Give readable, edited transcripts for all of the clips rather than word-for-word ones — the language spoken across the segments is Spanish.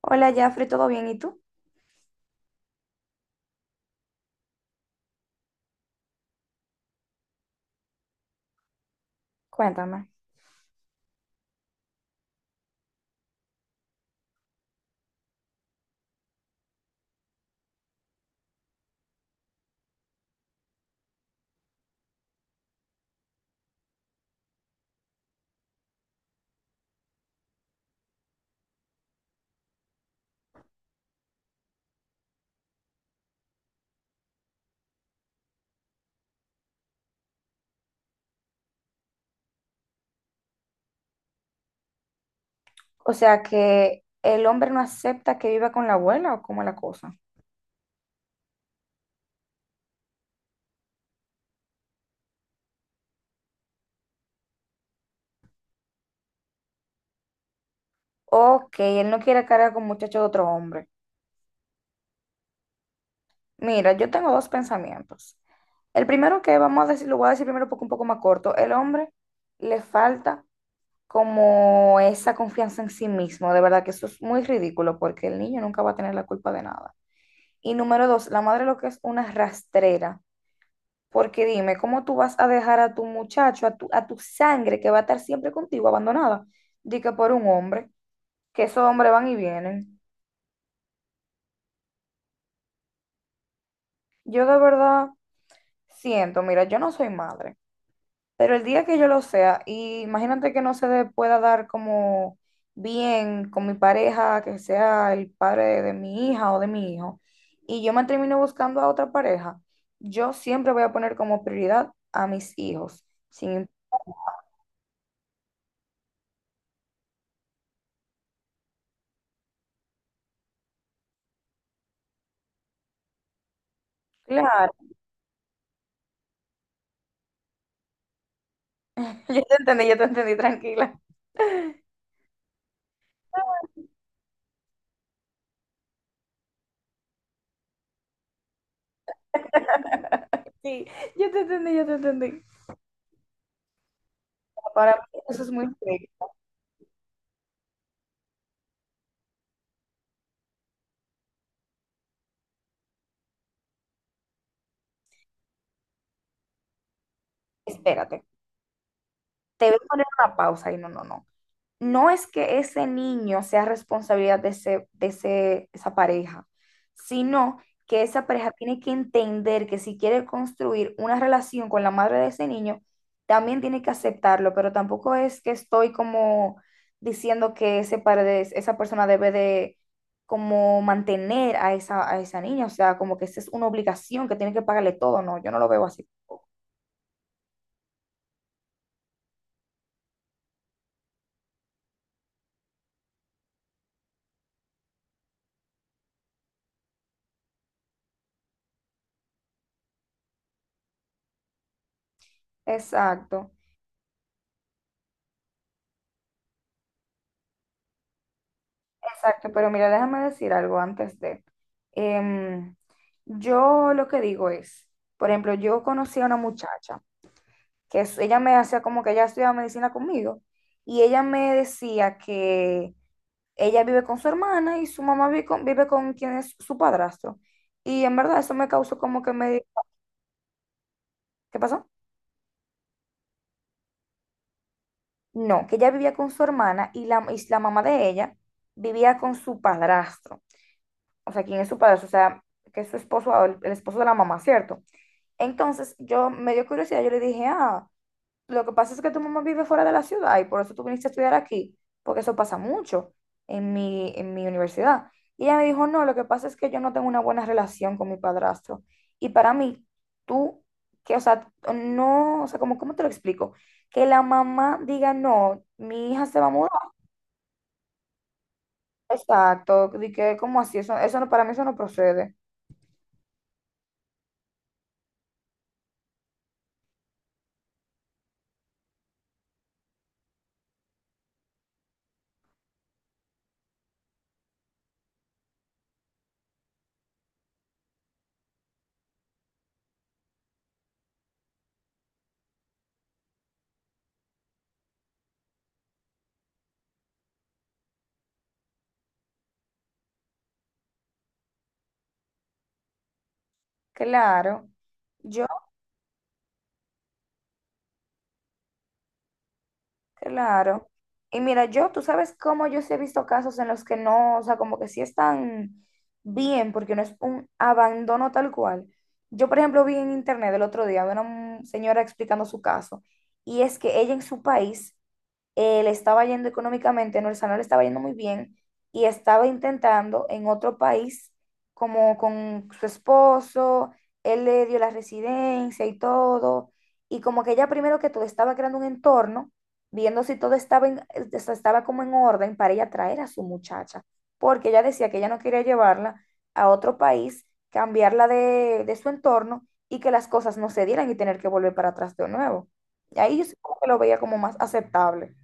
Hola, Jafre, ¿todo bien? ¿Y tú? Cuéntame. O sea, que el hombre no acepta que viva con la abuela o cómo es la cosa. Ok, él no quiere cargar con muchachos de otro hombre. Mira, yo tengo dos pensamientos. El primero que vamos a decir, lo voy a decir primero porque un poco más corto. El hombre le falta como esa confianza en sí mismo. De verdad que eso es muy ridículo porque el niño nunca va a tener la culpa de nada. Y número dos, la madre lo que es una rastrera. Porque dime, ¿cómo tú vas a dejar a tu muchacho, a tu sangre que va a estar siempre contigo abandonada? Di que por un hombre, que esos hombres van y vienen. Yo de verdad siento, mira, yo no soy madre, pero el día que yo lo sea, y imagínate que no se le pueda dar como bien con mi pareja, que sea el padre de mi hija o de mi hijo, y yo me termino buscando a otra pareja, yo siempre voy a poner como prioridad a mis hijos, sin, claro. Yo te entendí, tranquila. Sí, yo te entendí. Para mí eso es muy increíble. Espérate, te voy a poner una pausa y no, no, no. No es que ese niño sea responsabilidad de esa pareja, sino que esa pareja tiene que entender que si quiere construir una relación con la madre de ese niño, también tiene que aceptarlo, pero tampoco es que estoy como diciendo que esa persona debe de como mantener a esa niña, o sea, como que esa es una obligación que tiene que pagarle todo, no, yo no lo veo así. Exacto. Exacto, pero mira, déjame decir algo antes de. Em, yo lo que digo es, por ejemplo, yo conocí a una muchacha ella me hacía como que ella estudiaba medicina conmigo y ella me decía que ella vive con su hermana y su mamá vive con quien es su padrastro. Y en verdad eso me causó como que me... ¿Qué pasó? No, que ella vivía con su hermana y la mamá de ella vivía con su padrastro. O sea, ¿quién es su padrastro? O sea, que es su esposo, el esposo de la mamá, ¿cierto? Entonces, yo me dio curiosidad, yo le dije, ah, lo que pasa es que tu mamá vive fuera de la ciudad y por eso tú viniste a estudiar aquí, porque eso pasa mucho en mi universidad. Y ella me dijo, no, lo que pasa es que yo no tengo una buena relación con mi padrastro. Y para mí, tú, que, o sea, no, o sea, como, ¿cómo te lo explico? Que la mamá diga, no, mi hija se va a mudar. Exacto, de que, ¿cómo así? Eso no, para mí eso no procede. Claro. Yo. Claro. Y mira, yo, tú sabes cómo yo sí he visto casos en los que no, o sea, como que sí están bien, porque no es un abandono tal cual. Yo, por ejemplo, vi en internet el otro día a una señora explicando su caso, y es que ella en su país le estaba yendo económicamente, no, o sea, no le estaba yendo muy bien y estaba intentando en otro país, como con su esposo, él le dio la residencia y todo, y como que ella primero que todo estaba creando un entorno, viendo si todo estaba, o sea, estaba como en orden para ella traer a su muchacha, porque ella decía que ella no quería llevarla a otro país, cambiarla de su entorno y que las cosas no se dieran y tener que volver para atrás de nuevo. Y ahí yo sí como que lo veía como más aceptable.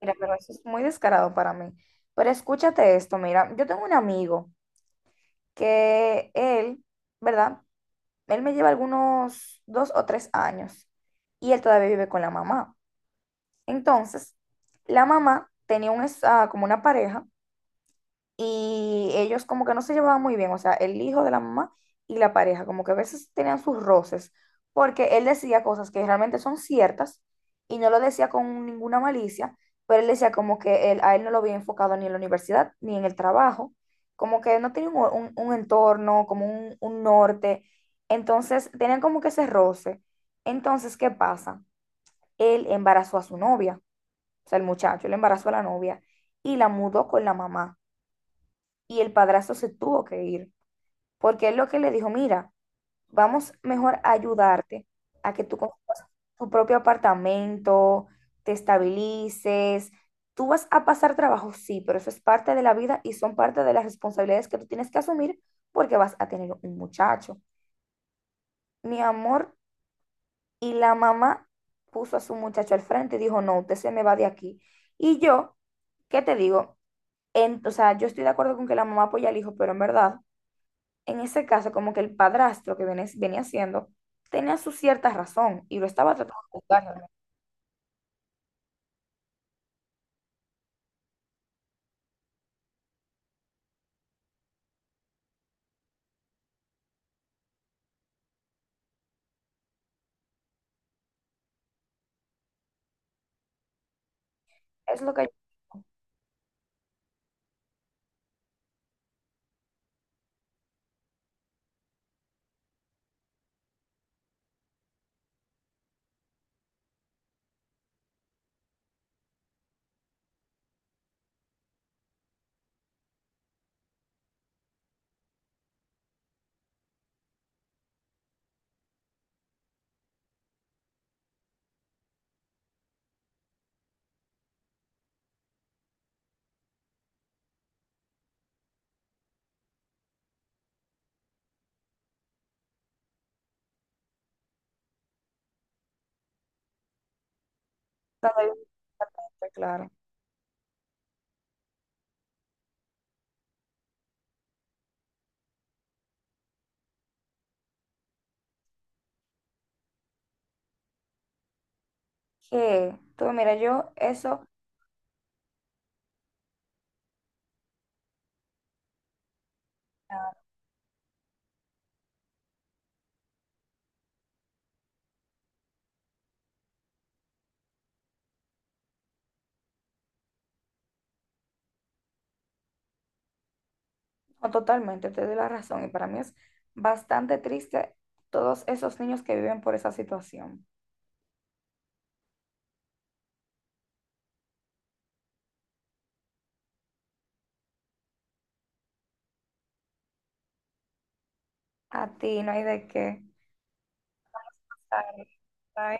Mira, pero eso es muy descarado para mí. Pero escúchate esto, mira, yo tengo un amigo que él, ¿verdad? Él me lleva algunos dos o tres años y él todavía vive con la mamá. Entonces, la mamá tenía un, como una pareja y ellos como que no se llevaban muy bien, o sea, el hijo de la mamá y la pareja, como que a veces tenían sus roces, porque él decía cosas que realmente son ciertas y no lo decía con ninguna malicia, pero él decía como que él, a él no lo había enfocado ni en la universidad ni en el trabajo, como que no tenía un entorno, como un norte, entonces tenían como que ese roce. Entonces, ¿qué pasa? Él embarazó a su novia, o sea, el muchacho, él embarazó a la novia y la mudó con la mamá y el padrastro se tuvo que ir, porque él lo que le dijo, mira, vamos mejor a ayudarte a que tú consigas tu propio apartamento, te estabilices, tú vas a pasar trabajo, sí, pero eso es parte de la vida y son parte de las responsabilidades que tú tienes que asumir porque vas a tener un muchacho. Mi amor, y la mamá puso a su muchacho al frente y dijo, no, usted se me va de aquí. Y yo, ¿qué te digo? O sea, yo estoy de acuerdo con que la mamá apoya al hijo, pero en verdad, en ese caso, como que el padrastro que viene, venía haciendo tenía su cierta razón y lo estaba tratando de juzgar realmente. Es lo que yo estaba claro. Que, tú, mira, yo eso, ah, no, totalmente, te doy la razón y para mí es bastante triste todos esos niños que viven por esa situación. A ti no hay de qué. Ay, ay.